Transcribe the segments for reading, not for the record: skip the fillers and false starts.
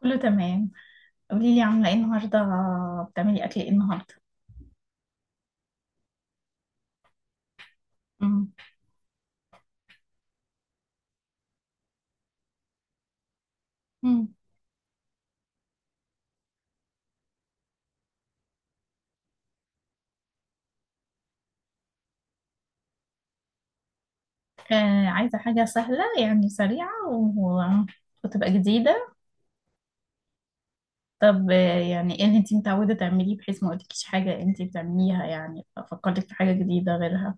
كله تمام. قولي لي، عامله ايه النهارده؟ بتعملي اكل ايه النهارده؟ امم. مم. آه، عايزه حاجه سهله، يعني سريعه و... وتبقى جديده. طب يعني ايه اللي انت متعوده تعمليه بحيث ما اقولكيش حاجه انت بتعمليها، يعني ففكرتك في حاجه جديده غيرها؟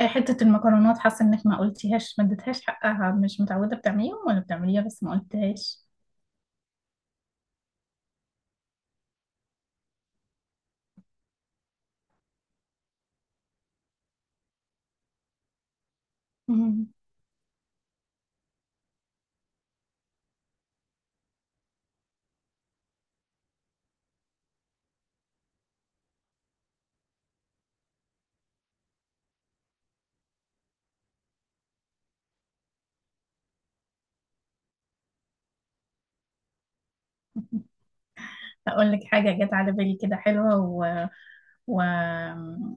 آه، حته المكرونات حاسه انك ما قلتيهاش، ما اديتهاش حقها، مش متعوده بتعمليهم ولا بتعمليها بس ما قلتهاش. مم. هقول لك حاجه جت على بالي كده حلوه. و...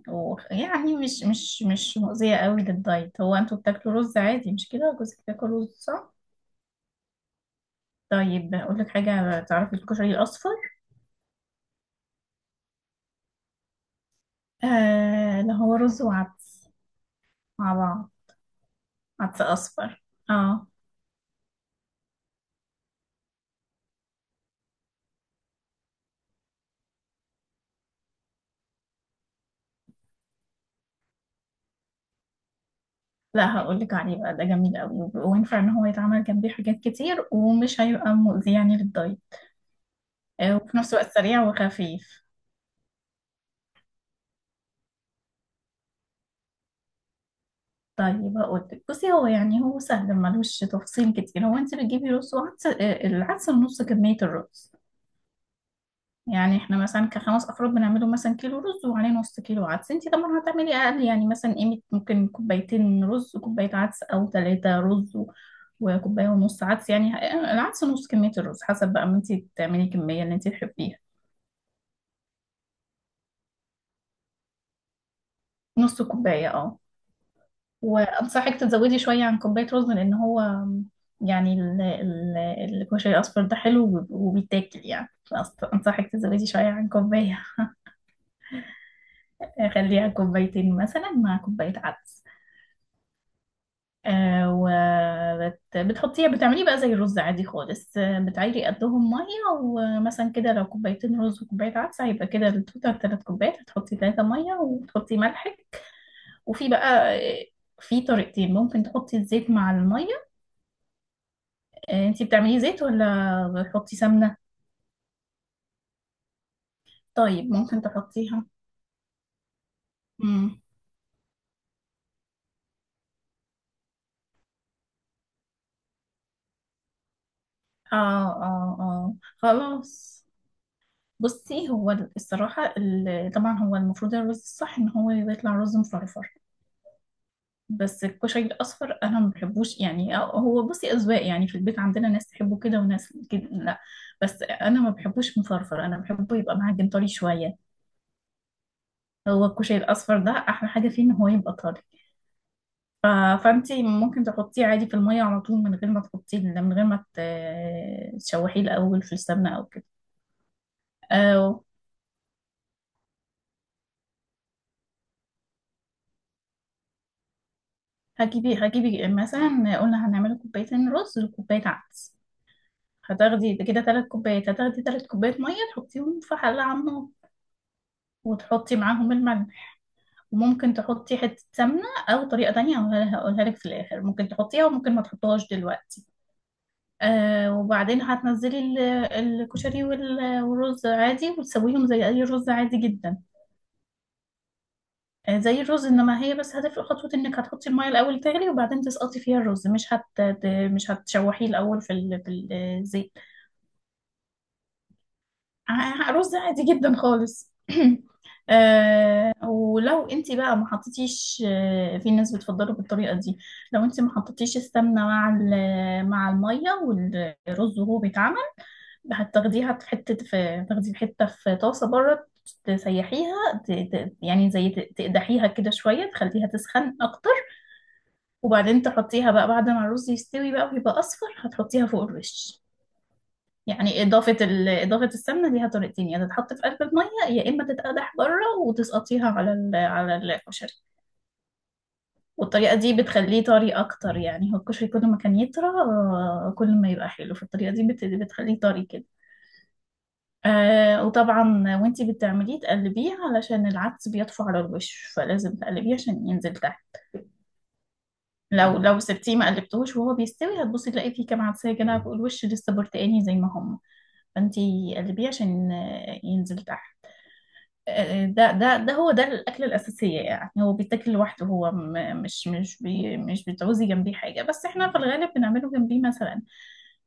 يعني مش مؤذية قوي للدايت. هو انتوا بتاكلوا رز عادي مش كده؟ جوزك بياكل رز صح؟ طيب، اقول لك حاجة. تعرفي الكشري الأصفر؟ آه، اللي هو رز وعدس مع بعض. عدس أصفر. اه. لا، هقول لك عليه بقى. ده جميل قوي وينفع ان هو يتعمل جنبيه حاجات كتير، ومش هيبقى مؤذي يعني للدايت. آه، وفي نفس الوقت سريع وخفيف. طيب هقول لك. بصي، هو يعني هو سهل، ملوش تفصيل كتير. هو انت بتجيبي رز وعدس. آه، العدس نص كمية الرز. يعني احنا مثلا كخمس افراد بنعمله مثلا كيلو رز وعليه نص كيلو عدس. انتي طبعا هتعملي اقل، يعني مثلا قيمة ممكن كوبايتين رز وكوباية عدس، او ثلاثة رز وكوباية ونص عدس، يعني العدس نص كمية الرز، حسب بقى ما انتي تعملي الكمية اللي انتي تحبيها. نص كوباية اه. وانصحك تزودي شوية عن كوباية رز، لان هو يعني الكشري الاصفر ده حلو وبيتاكل يعني. انصحك تزودي شوية عن كوباية. خليها كوبايتين مثلا مع كوباية عدس. وبتحطيه بتعمليه بقى زي الرز عادي خالص. آه، بتعيري قدهم مية، ومثلا كده لو كوبايتين رز وكوباية عدس هيبقى كده التوتال تلات كوبايات، هتحطي 300 وتحطي ملحك. وفي بقى، آه، في طريقتين، ممكن تحطي الزيت مع المية. آه، انتي بتعملي زيت ولا بتحطي سمنة؟ طيب، ممكن تحطيها. مم. اه، اه، اه، خلاص. بصي، هو الصراحة، طبعا هو المفروض الرز الصح ان هو يطلع رز مفرفر. بس الكشري الاصفر انا ما بحبوش يعني. هو بصي اذواق، يعني في البيت عندنا ناس تحبه كده وناس كده لا. بس انا ما بحبوش مفرفر، انا بحبه يبقى معجن طري شويه. هو الكشري الاصفر ده احلى حاجه فيه ان هو يبقى طري. ف... فانتي ممكن تحطيه عادي في الميه على طول، من غير ما تحطيه، من غير ما تشوحيه الاول في السمنه او كده. أو هجيبي مثلا، قلنا هنعمل كوبايتين رز وكوبايه عدس. هتاخدي تلات كوبايات ميه، تحطيهم في حله على النار. وتحطي معاهم الملح. وممكن تحطي حتة سمنة. أو طريقة تانية هقولها لك في الآخر. ممكن تحطيها وممكن ما تحطيهاش دلوقتي. آه، وبعدين هتنزلي الكشري والرز عادي، وتسويهم زي أي رز عادي جدا. آه، زي الرز إنما هي بس هتفرق خطوة. إنك هتحطي المية الأول تغلي، وبعدين تسقطي فيها الرز. مش هتشوحيه الأول في الزيت. رز عادي جدا خالص. آه، ولو انت بقى ما حطيتيش، في ناس بتفضله بالطريقه دي. لو انت ما حطيتيش السمنه مع الميه والرز وهو بيتعمل. هتاخديها في حته في تاخدي في حته في طاسه بره. تسيحيها. يعني زي تقدحيها كده شويه، تخليها تسخن اكتر. وبعدين تحطيها بقى بعد ما الرز يستوي بقى ويبقى اصفر، هتحطيها فوق الوش. يعني إضافة السمنة ليها طريقتين، يا تتحط في قلب المية يا إما تتقدح بره وتسقطيها على الكشري. والطريقة دي بتخليه طري أكتر، يعني هو الكشري كل ما كان يطرى، كل ما يبقى حلو. فالطريقة دي بتخليه طري كده. آه، وطبعا، وانتي بتعمليه تقلبيه علشان العدس بيطفو على الوش، فلازم تقلبيه عشان ينزل تحت. لو سبتيه ما قلبتهوش وهو بيستوي، هتبصي تلاقي فيه كام عدسة كده فوق الوش، لسه برتقاني زي ما هم. فانتي قلبيه عشان ينزل تحت. ده هو ده الأكلة الأساسية، يعني هو بيتاكل لوحده، هو مش بتعوزي جنبيه حاجة، بس احنا في الغالب بنعمله جنبيه مثلا.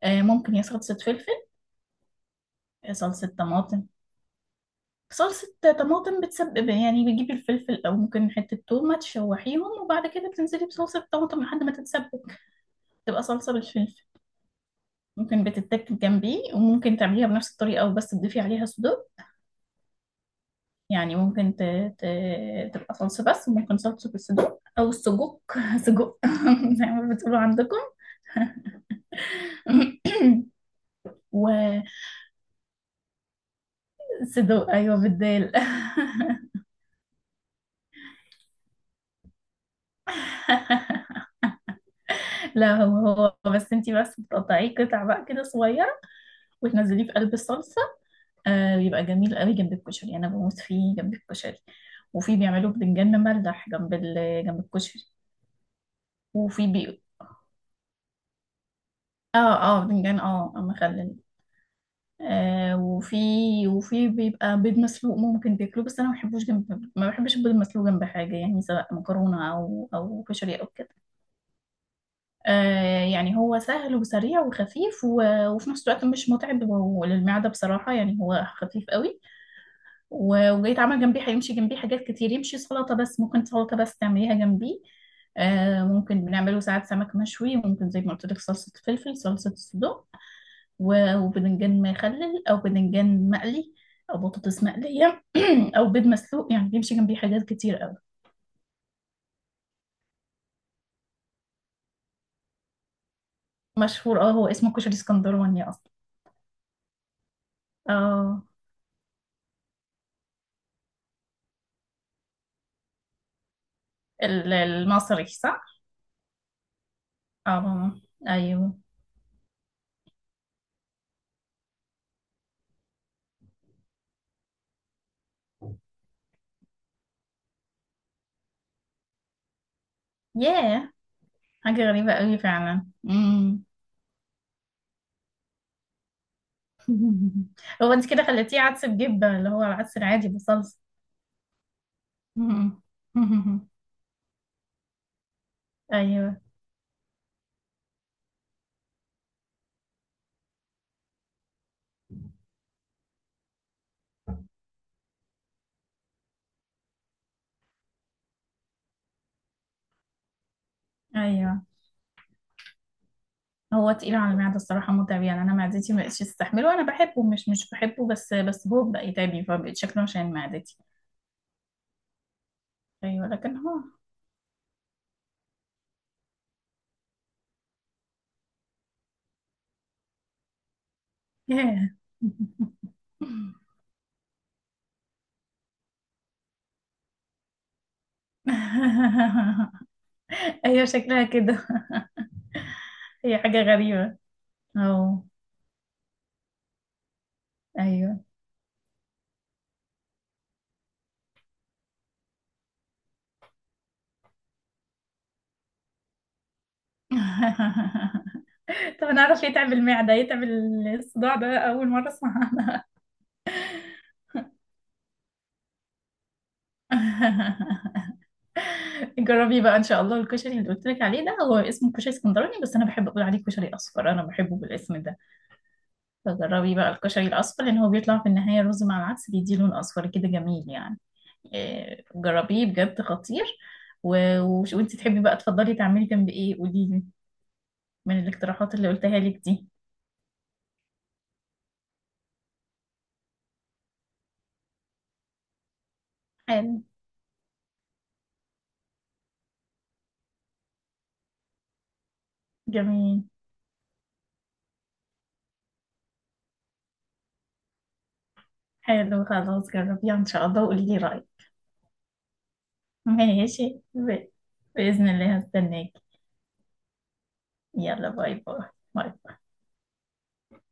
آه، ممكن يا صلصة فلفل، يا صلصة طماطم. صلصة طماطم بتسبب، يعني بتجيبي الفلفل أو ممكن حتة تومة، تشوحيهم وبعد كده بتنزلي بصلصة طماطم لحد ما تتسبك. تبقى صلصة بالفلفل. ممكن بتتاكل جنبيه، وممكن تعمليها بنفس الطريقة وبس تضيفي عليها صدور. يعني ممكن ت... تبقى صلصة، بس ممكن صلصة الصدوق أو السجق. سجق، زي ما بتقولوا عندكم. وصدوق أيوة، بالدال. لا، هو هو بس انتي بس بتقطعيه قطع بقى كده صغيرة. وتنزليه في قلب الصلصة. آه، بيبقى جميل قوي جنب الكشري، أنا بموت فيه جنب الكشري. وفي بيعملوا بدنجان مملح جنب الكشري. وفي بي... اه، اه، بدنجان مخلل. آه، وفي بيبقى بيض مسلوق ممكن تاكله، بس انا ما بحبش البيض المسلوق جنب حاجه، يعني سواء مكرونه او كشري او كده. آه، يعني هو سهل وسريع وخفيف وفي نفس الوقت مش متعب للمعده بصراحه، يعني هو خفيف قوي. وجاي يتعمل جنبيه، هيمشي جنبيه حاجات كتير، يمشي سلطه بس، ممكن سلطه بس تعمليها جنبيه. آه، ممكن بنعمله ساعات سمك مشوي، وممكن زي ما قلت لك صلصه فلفل، صلصه صدق، وبدنجان مخلل او بدنجان مقلي او بطاطس مقليه، او بيض مسلوق، يعني بيمشي جنبيه حاجات كتير قوي. مشهور، اه، هو اسمه كشري اسكندراني اصلا. اه، المصري صح؟ اه، ايوه. ياه، حاجه غريبه قوي فعلا. امم. هو انت كده خليتيه عدس بجبه، اللي هو العدس العادي بصلصه. أمم. ايوه، ايوه. هو تقيل على المعدة الصراحة، متعب. يعني أنا معدتي ما بقتش تستحمله. أنا بحبه، مش بحبه، بس هو بقى يتعبني فبقيت شكله عشان معدتي. أيوة، لكن هو. ياه. أيوة، شكلها كده. هي حاجة غريبة. أو. أيوة. طب أنا أعرف يتعب المعدة يتعب. الصداع ده أول مرة أسمع عنها. جربي بقى ان شاء الله الكشري اللي قلت لك عليه ده، هو اسمه كشري اسكندراني بس انا بحب اقول عليه كشري اصفر، انا بحبه بالاسم ده. فجربي بقى الكشري الأصفر، لأن هو بيطلع في النهاية رز مع العدس بيديه لون أصفر كده جميل يعني. إيه، جربيه بجد، خطير. وانت تحبي بقى تفضلي تعملي جنب ايه قوليلي؟ من الاقتراحات اللي قلتها لك دي. حلو. جميل. حلو، خلاص جربيها ان شاء الله وقولي لي رأيك. ماشي، ب... بإذن الله هستناك. يلا باي، باي. باي.